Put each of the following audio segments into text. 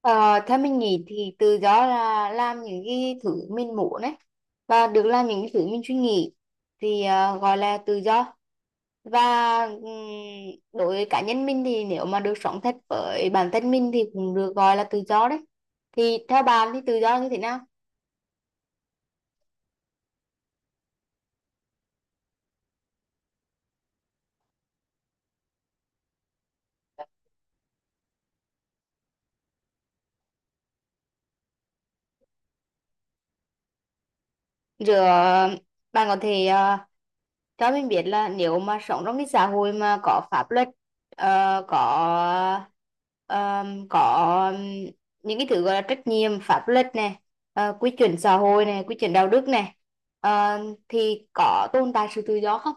Ờ, Theo mình nghĩ thì tự do là làm những cái thứ mình muốn ấy, và được làm những cái thứ mình suy nghĩ thì gọi là tự do. Và ừm, đối với cá nhân mình thì nếu mà được sống thật với bản thân mình thì cũng được gọi là tự do đấy. Thì theo bạn thì tự do như thế nào? giữa Bạn có thể cho mình biết là nếu mà sống trong cái xã hội mà có pháp luật, ờ, có có những cái thứ gọi là trách nhiệm pháp luật này, quy chuẩn xã hội này, quy chuẩn đạo đức này, ờ, thì có tồn tại sự tự do không?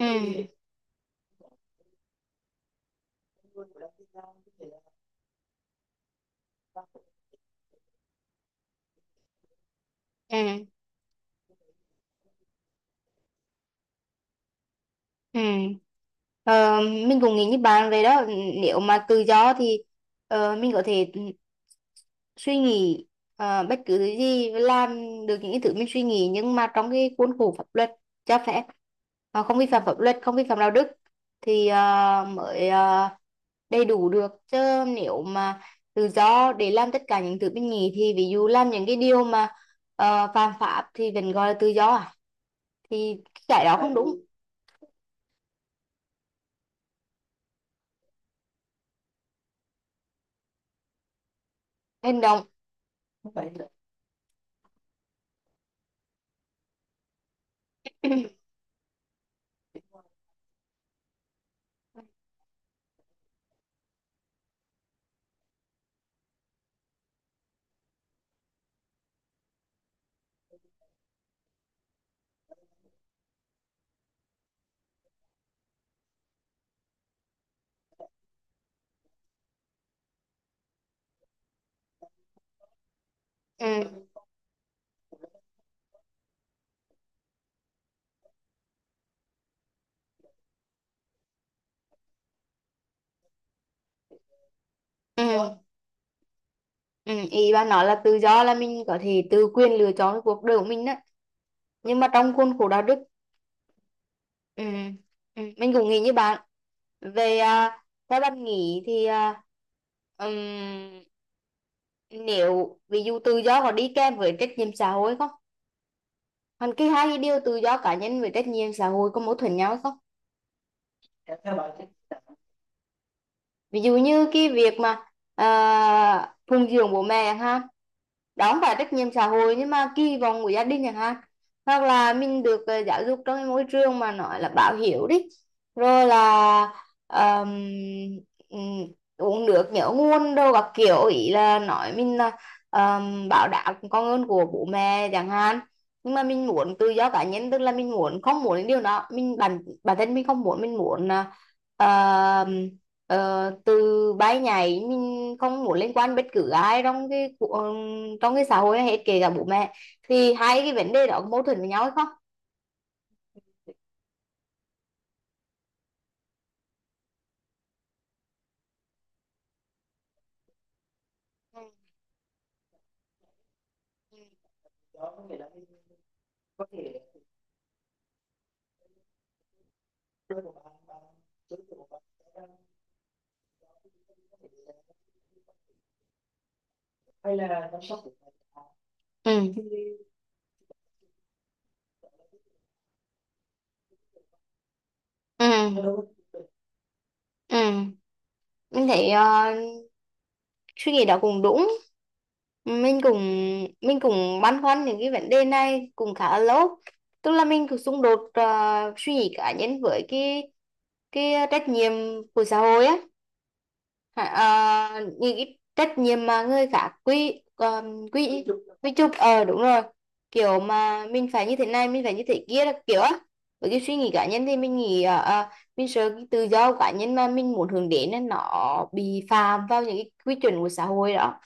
Ừ. ừ Ừ. Ờ, mình cũng nghĩ như bạn vậy đó. Nếu mà tự do thì mình có thể suy nghĩ bất cứ thứ gì, và làm được những cái thứ mình suy nghĩ, nhưng mà trong cái khuôn khổ pháp luật cho phép. Ờ, không vi phạm pháp luật, không vi phạm đạo đức thì đầy đủ được chứ. Nếu mà tự do để làm tất cả những thứ mình nghĩ thì ví dụ làm những cái điều mà phạm pháp thì vẫn gọi là tự do à? Thì cái đó không đúng. Hành động. Ừ. Ừ. Ừ, ý bà nói là tự do là mình có thể tự quyền lựa chọn cái cuộc đời của mình đó, nhưng mà trong khuôn khổ đạo đức. ừ, ừ, mình cũng nghĩ như bạn. về à, Theo bạn nghĩ thì ừm, nếu ví dụ tự do có đi kèm với trách nhiệm xã hội không? Còn cái hai điều tự do cá nhân với trách nhiệm xã hội có mâu thuẫn nhau hay không? Ví dụ như cái việc mà phụng dưỡng bố mẹ chẳng hạn, đó không phải trách nhiệm xã hội nhưng mà kỳ vọng của gia đình chẳng hạn. Hoặc là mình được giáo dục trong cái môi trường mà nói là báo hiếu đi, rồi là ờm, ừm, uống nước nhớ nguồn đâu các kiểu, ý là nói mình là báo đáp công ơn của bố mẹ chẳng hạn. Nhưng mà mình muốn tự do cá nhân, tức là mình muốn không muốn những điều đó, mình bản bản thân mình không muốn, mình muốn là từ bay nhảy, mình không muốn liên quan bất cứ ai trong trong cái xã hội này hết, kể cả bố mẹ. Thì hai cái vấn đề đó có mâu thuẫn với nhau hay không? Ừ. Ừ. Ừ. Ừ. Mình thấy suy nghĩ đó cũng đúng. mình cũng mình cũng băn khoăn những cái vấn đề này cũng khá là lâu, tức là mình cũng xung đột suy nghĩ cá nhân với cái trách nhiệm của xã hội á. Hả, những cái trách nhiệm mà người khác quy quy quy chụp. Ờ, đúng rồi, kiểu mà mình phải như thế này, mình phải như thế kia, là kiểu á. Với cái suy nghĩ cá nhân thì mình nghĩ mình sợ cái tự do của cá nhân mà mình muốn hướng đến nên nó bị phạm vào những cái quy chuẩn của xã hội đó.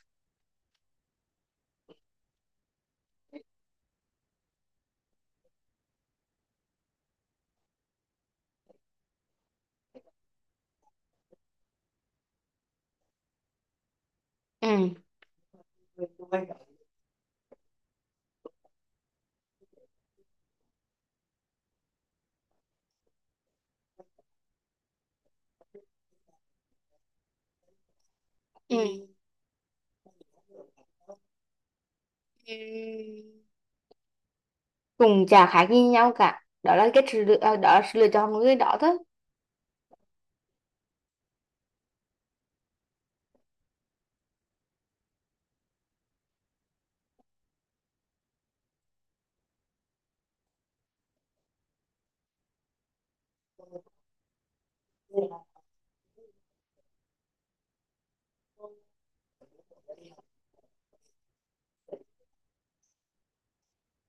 Ừ. Ừ. Ừ. Cùng chả khác gì nhau cả, đó là cái sự đó là sự lựa chọn của người đó thôi.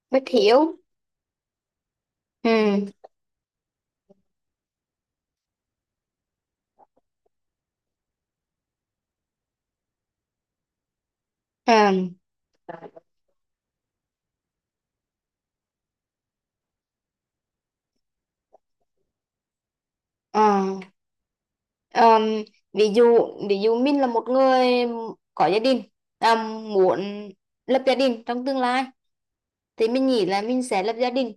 Bất hiểu. Ừ. Ừ. Ờ. Ờm, ví dụ, ví dụ mình là một người có gia đình, muốn lập gia đình trong tương lai, thì mình nghĩ là mình sẽ lập gia đình.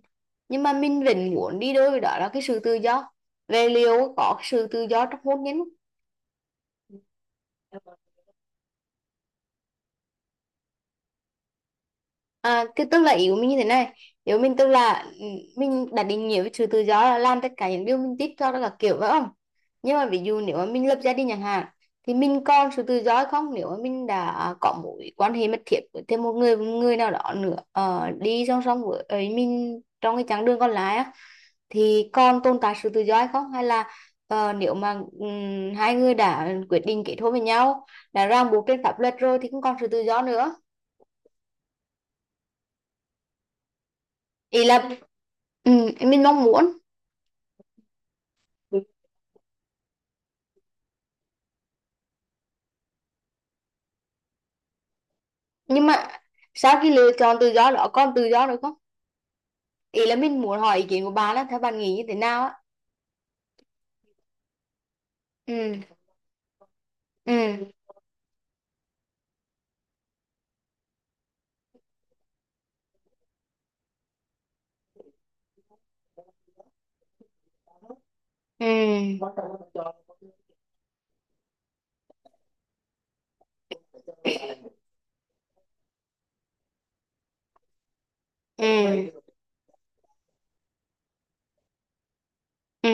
Nhưng mà mình vẫn muốn đi đôi với đó là cái sự tự do, về liệu có sự tự do trong hôn nhân. À, cái tức là ý của mình như thế này, nếu mình tức là mình đã định nghĩa với sự tự do là làm tất cả những điều mình thích, cho đó là kiểu phải không? Nhưng mà ví dụ nếu mà mình lập gia đình chẳng hạn thì mình còn sự tự do hay không, nếu mà mình đã có mối quan hệ mật thiết với thêm một người, một người nào đó nữa, đi song song với ấy mình trong cái chặng đường còn lại á, thì còn tồn tại sự tự do hay không? Hay là nếu mà hai người đã quyết định kết hôn với nhau, đã ràng buộc trên pháp luật rồi thì không còn sự tự do nữa. Ý là mình mong muốn. Nhưng mà sau khi lựa chọn tự do đó còn tự do được không? Ý là mình muốn hỏi ý kiến của bà á, theo bạn nghĩ như thế nào á? Ừ. Ừ. Ừ. Ừ. Ừ,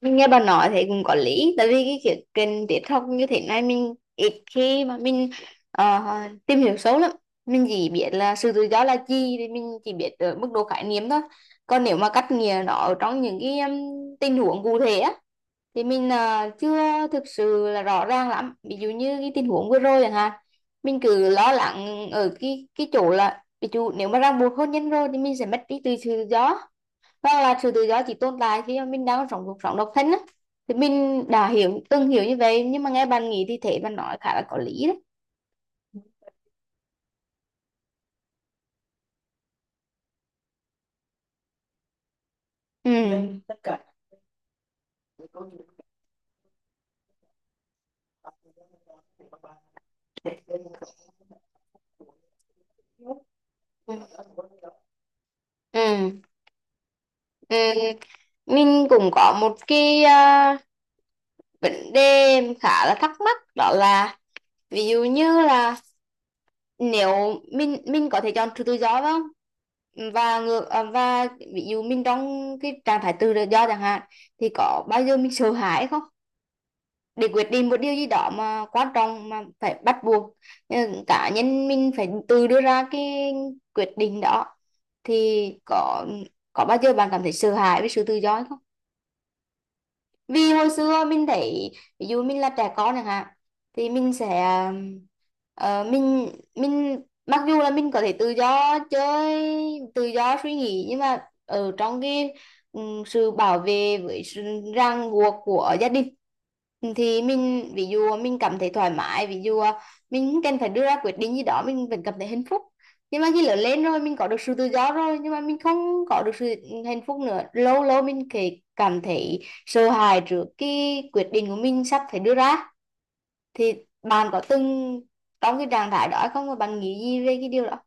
mình nghe bà nói thì cũng có lý. Tại vì cái kiểu kênh tiếp học như thế này mình ít khi mà mình ờ, tìm hiểu sâu lắm. Mình chỉ biết là sự tự do là gì thì mình chỉ biết ở mức độ khái niệm thôi, còn nếu mà cắt nghĩa nó ở trong những cái tình huống cụ thể á thì mình chưa thực sự là rõ ràng lắm. Ví dụ như cái tình huống vừa rồi chẳng hạn, mình cứ lo lắng ở cái chỗ là ví dụ nếu mà ràng buộc hôn nhân rồi thì mình sẽ mất đi tự tự do, và là sự tự do chỉ tồn tại khi mà mình đang còn sống cuộc sống độc thân á. Thì mình đã từng hiểu như vậy, nhưng mà nghe bạn nghĩ thì bạn nói khá là có lý đấy. Ừ. Ừ. Ừ. Ừ. Mình cũng có một cái vấn đề khá là thắc mắc, đó là ví dụ như là nếu mình có thể chọn sự tự do phải không? Và và ví dụ mình trong cái trạng thái tự do chẳng hạn, thì có bao giờ mình sợ hãi không, để quyết định một điều gì đó mà quan trọng mà phải bắt buộc ừ, cá nhân mình phải tự đưa ra cái quyết định đó. Thì có bao giờ bạn cảm thấy sợ hãi với sự tự do không? Vì hồi xưa mình thấy ví dụ mình là trẻ con chẳng hạn, thì mình sẽ ờ, mình mình mặc dù là mình có thể tự do chơi, tự do suy nghĩ, nhưng mà ở trong cái sự bảo vệ với sự ràng buộc của gia đình thì mình, ví dụ mình cảm thấy thoải mái, ví dụ mình không cần phải đưa ra quyết định gì đó mình vẫn cảm thấy hạnh phúc. Nhưng mà khi lớn lên rồi mình có được sự tự do rồi nhưng mà mình không có được sự hạnh phúc nữa, lâu lâu mình kể cảm thấy sợ hãi trước cái quyết định của mình sắp phải đưa ra. Thì bạn có từng trong cái trạng thái đó hay không và bạn nghĩ gì về cái điều đó?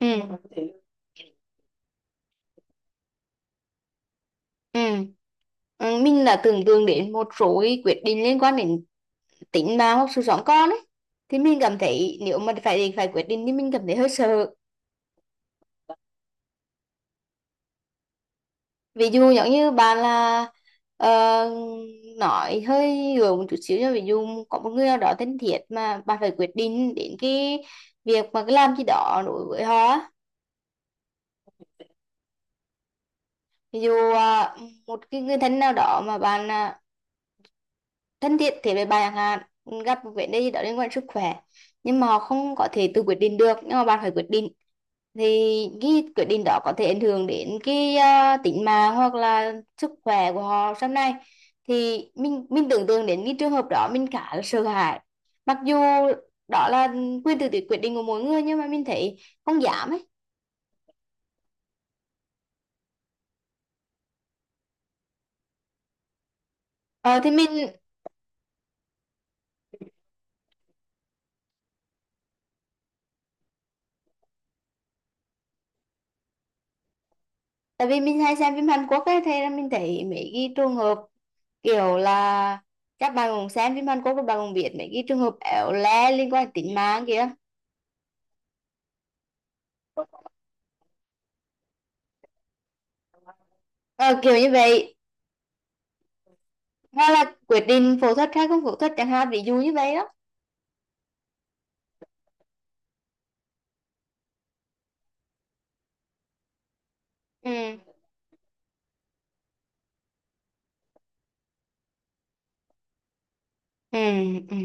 Ừ. Ừ. Ừ, mình là tưởng tượng đến một số cái quyết định liên quan đến tính mà hoặc sự sống con ấy, thì mình cảm thấy nếu mà phải phải quyết định thì mình cảm thấy hơi sợ. Ví dụ giống như bạn là ờ, nói hơi gượng một chút xíu cho ví dụ, có một người nào đó thân thiết mà bạn phải quyết định đến cái việc mà cái làm gì đó đối với họ á. Ví dụ một cái người thân nào đó mà bạn thân thiện thế với bạn hạn, gặp một vấn đề gì đó liên quan sức khỏe, nhưng mà họ không có thể tự quyết định được nhưng mà bạn phải quyết định. Thì cái quyết định đó có thể ảnh hưởng đến cái tính mạng hoặc là sức khỏe của họ sau này. Thì mình tưởng tượng đến cái trường hợp đó mình khá là sợ hãi, mặc dù đó là quyền tự quyết định của mỗi người nhưng mà mình thấy không dám ấy. Ờ, thì mình Tại vì mình hay xem phim Hàn Quốc ấy, thế là mình thấy mấy cái trường hợp kiểu là các bạn cũng xem phim Hàn Quốc, các bạn cũng biết mấy cái trường hợp éo le liên quan đến tính mạng kìa. Ờ, kiểu như vậy. Hoặc là quyết định phẫu thuật hay không phẫu thuật chẳng hạn, ví dụ như vậy đó. Ừ. Ừ. Ừ,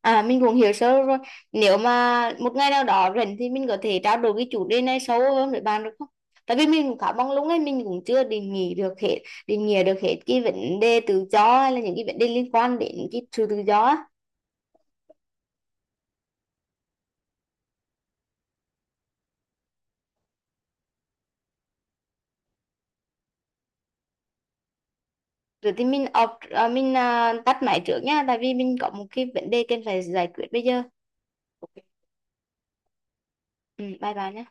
à mình cũng hiểu sơ rồi. Nếu mà một ngày nào đó rảnh thì mình có thể trao đổi cái chủ đề này sâu hơn với bạn được không? Tại vì mình cũng khá mong lúc ấy mình cũng chưa định nghĩa được hết, định nghĩa được hết cái vấn đề tự do hay là những cái vấn đề liên quan đến cái sự tự do á. Rồi thì mình off, tắt máy trước nha, tại vì mình có một cái vấn đề cần phải giải quyết bây giờ. Ok. Ừ, bye bye nhé.